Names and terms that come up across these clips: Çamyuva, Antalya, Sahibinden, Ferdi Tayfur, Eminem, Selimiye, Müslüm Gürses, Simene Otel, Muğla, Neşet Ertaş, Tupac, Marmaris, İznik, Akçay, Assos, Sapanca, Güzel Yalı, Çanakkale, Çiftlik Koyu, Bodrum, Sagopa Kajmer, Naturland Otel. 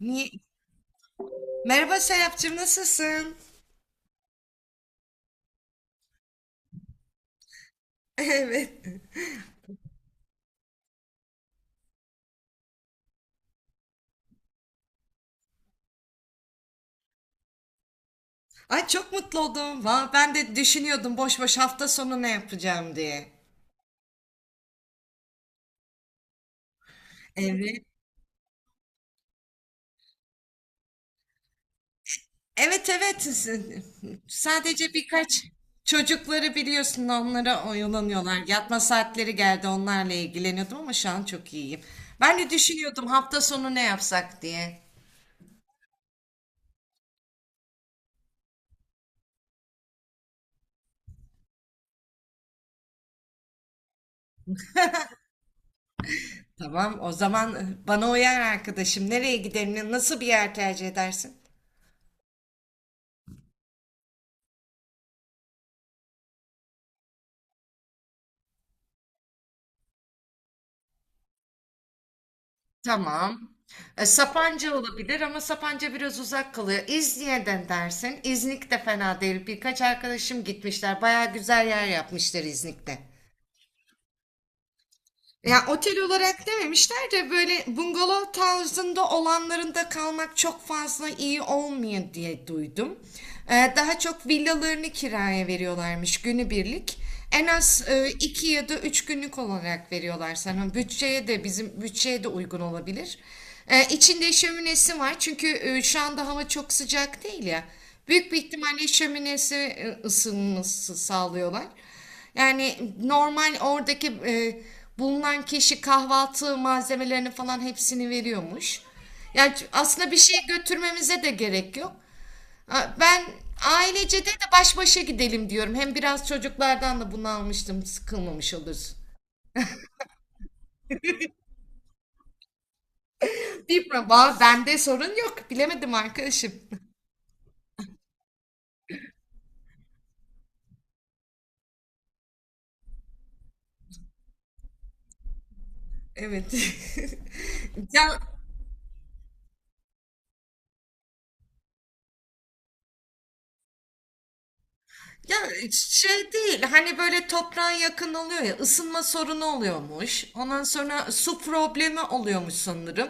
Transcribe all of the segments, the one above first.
Niye? Merhaba Serapcığım, nasılsın? Evet. Ay, çok mutlu oldum. Ben de düşünüyordum, boş boş hafta sonu ne yapacağım diye. Evet. Evet, evet. Sadece birkaç çocukları biliyorsun, onlara oyalanıyorlar. Yatma saatleri geldi, onlarla ilgileniyordum ama şu an çok iyiyim. Ben de düşünüyordum hafta sonu ne yapsak diye. Tamam o zaman bana uyar arkadaşım. Nereye gidelim? Nasıl bir yer tercih edersin? Tamam. Sapanca olabilir ama Sapanca biraz uzak kalıyor. İznik'ten dersin. İznik de fena değil. Birkaç arkadaşım gitmişler. Baya güzel yer yapmışlar İznik'te. Ya otel olarak dememişler de böyle bungalov tarzında olanlarında kalmak çok fazla iyi olmuyor diye duydum. Daha çok villalarını kiraya veriyorlarmış günübirlik. En az 2 ya da 3 günlük olarak veriyorlar sana. Bütçeye de bizim bütçeye de uygun olabilir. İçinde şöminesi var çünkü şu anda hava çok sıcak değil ya. Büyük bir ihtimalle şöminesi, ısınması sağlıyorlar. Yani normal oradaki bulunan kişi kahvaltı malzemelerini falan hepsini veriyormuş. Yani aslında bir şey götürmemize de gerek yok. Ha, ben ailece de baş başa gidelim diyorum. Hem biraz çocuklardan da bunu almıştım. Sıkılmamış oluruz. Değil mi? Bende sorun yok. Bilemedim arkadaşım. Evet. Can, ya şey değil, hani böyle toprağa yakın oluyor ya, ısınma sorunu oluyormuş. Ondan sonra su problemi oluyormuş sanırım.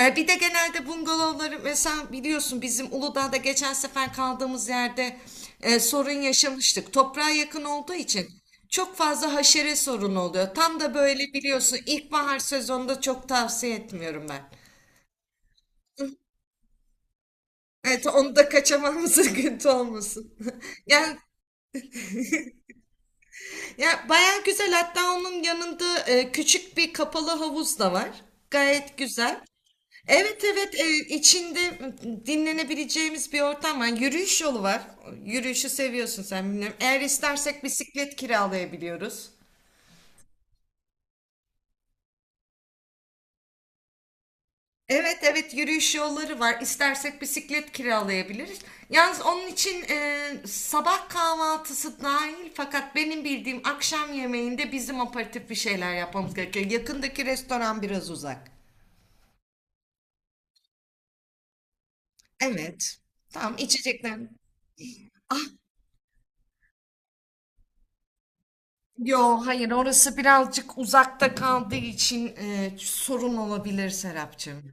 Bir de genelde bungalovları, mesela biliyorsun bizim Uludağ'da geçen sefer kaldığımız yerde sorun yaşamıştık. Toprağa yakın olduğu için çok fazla haşere sorunu oluyor. Tam da böyle biliyorsun, ilkbahar sezonunda çok tavsiye etmiyorum ben. Evet, onu da kaçamamız sıkıntı olmasın. Yani ya, baya güzel. Hatta onun yanında küçük bir kapalı havuz da var. Gayet güzel. Evet, evet, içinde dinlenebileceğimiz bir ortam var. Yürüyüş yolu var. Yürüyüşü seviyorsun sen, bilmiyorum. Eğer istersek bisiklet kiralayabiliyoruz. Evet, evet, yürüyüş yolları var. İstersek bisiklet kiralayabiliriz. Yalnız onun için sabah kahvaltısı dahil fakat benim bildiğim akşam yemeğinde bizim aperatif bir şeyler yapmamız gerekiyor. Yakındaki restoran biraz uzak. Evet. Tamam, içecekler. Ah yo, hayır, orası birazcık uzakta kaldığı için sorun olabilir Serapcığım.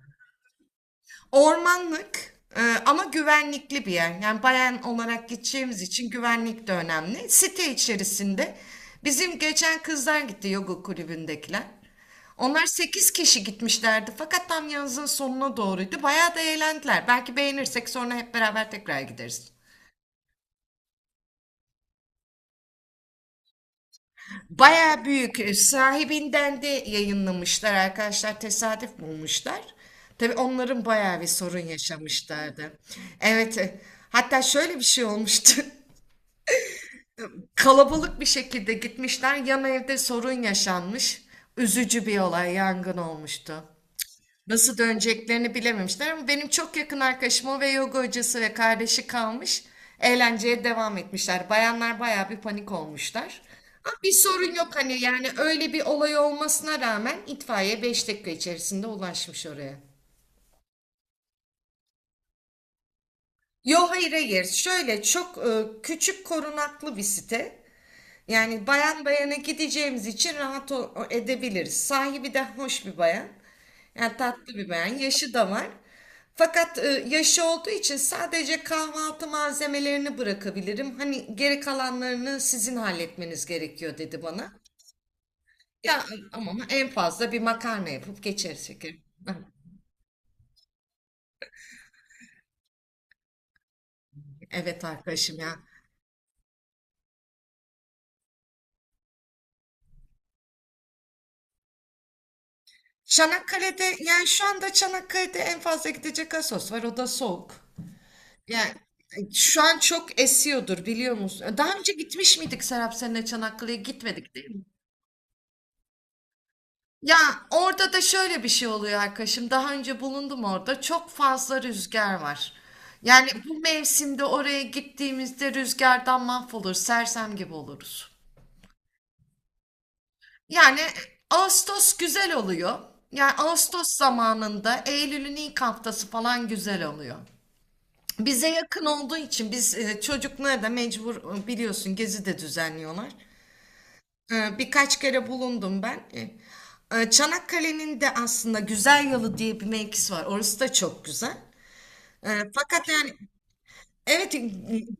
Ormanlık ama güvenlikli bir yer. Yani bayan olarak gideceğimiz için güvenlik de önemli. Site içerisinde bizim geçen kızlar gitti, yoga kulübündekiler. Onlar 8 kişi gitmişlerdi fakat tam yazın sonuna doğruydu. Bayağı da eğlendiler. Belki beğenirsek sonra hep beraber tekrar gideriz. Baya büyük. Sahibinden de yayınlamışlar arkadaşlar. Tesadüf bulmuşlar. Tabii onların bayağı bir sorun yaşamışlardı. Evet. Hatta şöyle bir şey olmuştu. Kalabalık bir şekilde gitmişler. Yan evde sorun yaşanmış. Üzücü bir olay, yangın olmuştu. Nasıl döneceklerini bilememişler ama benim çok yakın arkadaşım o, ve yoga hocası ve kardeşi kalmış. Eğlenceye devam etmişler. Bayanlar bayağı bir panik olmuşlar. Ama bir sorun yok, hani yani öyle bir olay olmasına rağmen itfaiye 5 dakika içerisinde ulaşmış oraya. Yo, hayır, hayır. Şöyle çok küçük korunaklı bir site. Yani bayan bayana gideceğimiz için rahat edebiliriz. Sahibi de hoş bir bayan. Yani tatlı bir bayan. Yaşı da var. Fakat yaşı olduğu için sadece kahvaltı malzemelerini bırakabilirim. Hani geri kalanlarını sizin halletmeniz gerekiyor dedi bana. Ya, ama en fazla bir makarna yapıp geçeriz şekerim. Evet arkadaşım ya. Çanakkale'de, yani şu anda Çanakkale'de en fazla gidecek Assos var, o da soğuk. Yani şu an çok esiyordur, biliyor musun? Daha önce gitmiş miydik Serap seninle? Çanakkale'ye gitmedik değil mi? Ya orada da şöyle bir şey oluyor arkadaşım. Daha önce bulundum orada. Çok fazla rüzgar var. Yani bu mevsimde oraya gittiğimizde rüzgardan mahvolur, sersem gibi oluruz. Yani Ağustos güzel oluyor. Yani Ağustos zamanında, Eylül'ün ilk haftası falan güzel oluyor. Bize yakın olduğu için biz çocuklara da mecbur, biliyorsun gezi de düzenliyorlar. Birkaç kere bulundum ben. Çanakkale'nin de aslında Güzel Yalı diye bir mevkisi var. Orası da çok güzel. Fakat yani evet,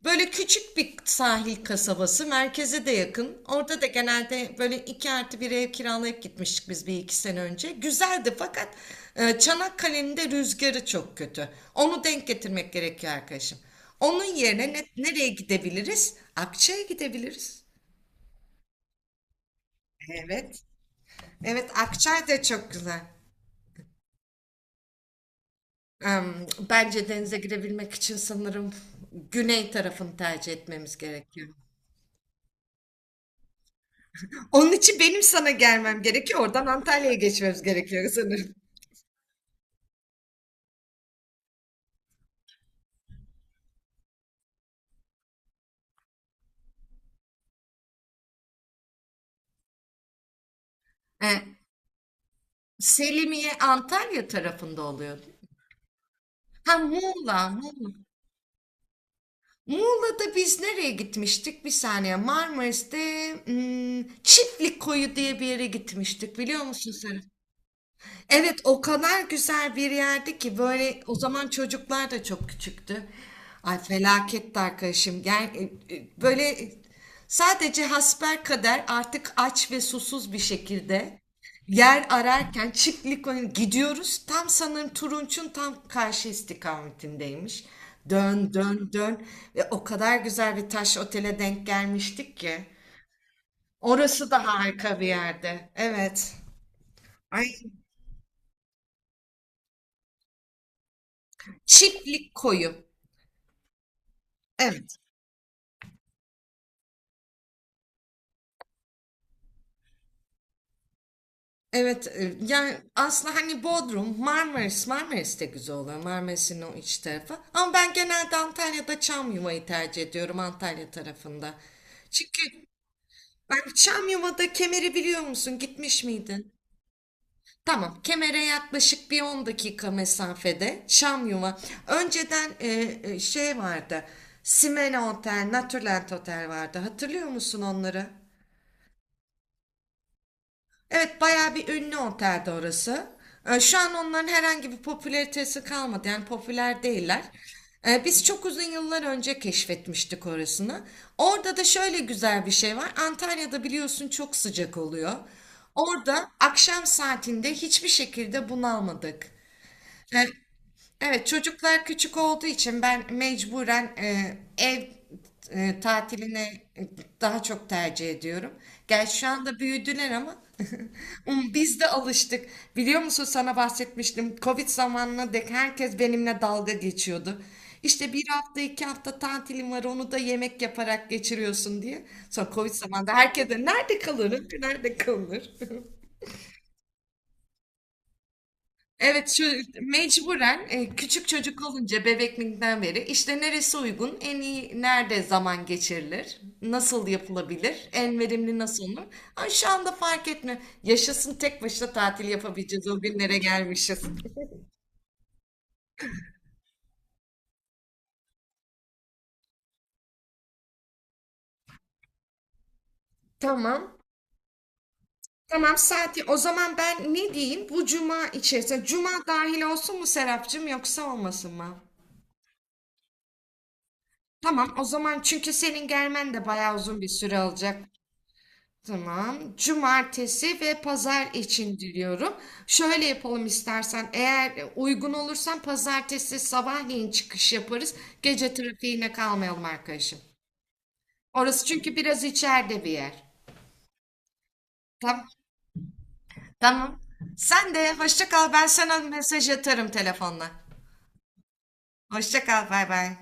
böyle küçük bir sahil kasabası. Merkeze de yakın. Orada da genelde böyle 2+1 ev kiralayıp gitmiştik biz bir iki sene önce. Güzeldi fakat Çanakkale'nin de rüzgarı çok kötü. Onu denk getirmek gerekiyor arkadaşım. Onun yerine nereye gidebiliriz? Akça'ya gidebiliriz. Evet. Evet, Akçay da çok güzel. Bence denize girebilmek için sanırım güney tarafını tercih etmemiz gerekiyor. Onun için benim sana gelmem gerekiyor. Oradan Antalya'ya geçmemiz gerekiyor sanırım. E, Selimiye Antalya tarafında oluyor. Ha, Muğla, Muğla. Muğla'da biz nereye gitmiştik? Bir saniye. Marmaris'te, Çiftlik Koyu diye bir yere gitmiştik. Biliyor musun sen? Evet, o kadar güzel bir yerdi ki. Böyle, o zaman çocuklar da çok küçüktü. Ay, felaketti arkadaşım. Yani böyle sadece hasbelkader artık aç ve susuz bir şekilde yer ararken gidiyoruz. Tam sanırım Turunç'un tam karşı istikametindeymiş. Dön dön dön ve o kadar güzel bir taş otele denk gelmiştik ki. Orası da harika bir yerde. Evet. Ay, çiftlik koyu. Evet. Evet, yani aslında hani Bodrum, Marmaris, Marmaris de güzel oluyor. Marmaris'in o iç tarafı. Ama ben genelde Antalya'da Çamyuva'yı tercih ediyorum, Antalya tarafında. Çünkü ben Çamyuva'da, Kemer'i biliyor musun? Gitmiş miydin? Tamam, Kemer'e yaklaşık bir 10 dakika mesafede Çamyuva. Önceden şey vardı. Simene Otel, Naturland Otel vardı. Hatırlıyor musun onları? Evet, bayağı bir ünlü otelde orası. Şu an onların herhangi bir popülaritesi kalmadı. Yani popüler değiller. Biz çok uzun yıllar önce keşfetmiştik orasını. Orada da şöyle güzel bir şey var. Antalya'da biliyorsun çok sıcak oluyor. Orada akşam saatinde hiçbir şekilde bunalmadık. Ee, Evet, çocuklar küçük olduğu için ben mecburen ev tatilini e, daha çok tercih ediyorum. Gerçi şu anda büyüdüler ama biz de alıştık. Biliyor musun, sana bahsetmiştim. Covid zamanına dek herkes benimle dalga geçiyordu. İşte bir hafta iki hafta tatilim var, onu da yemek yaparak geçiriyorsun diye. Sonra Covid zamanında herkes de nerede kalırım nerede kalır. Evet, şu mecburen küçük çocuk olunca bebekliğinden beri işte neresi uygun, en iyi nerede zaman geçirilir, nasıl yapılabilir, en verimli nasıl olur. Ay, şu anda fark etmiyor. Yaşasın, tek başına tatil yapabileceğiz o günlere gelmişiz. Tamam. Tamam saati. O zaman ben ne diyeyim? Bu cuma içerisinde. Cuma dahil olsun mu Serapcığım, yoksa olmasın mı? Tamam o zaman, çünkü senin gelmen de bayağı uzun bir süre alacak. Tamam. Cumartesi ve pazar için diliyorum. Şöyle yapalım istersen. Eğer uygun olursan pazartesi sabahleyin çıkış yaparız. Gece trafiğine kalmayalım arkadaşım. Orası çünkü biraz içeride bir yer. Tamam. Tamam. Sen de hoşça kal. Ben sana mesaj atarım telefonla. Hoşça kal. Bay bay.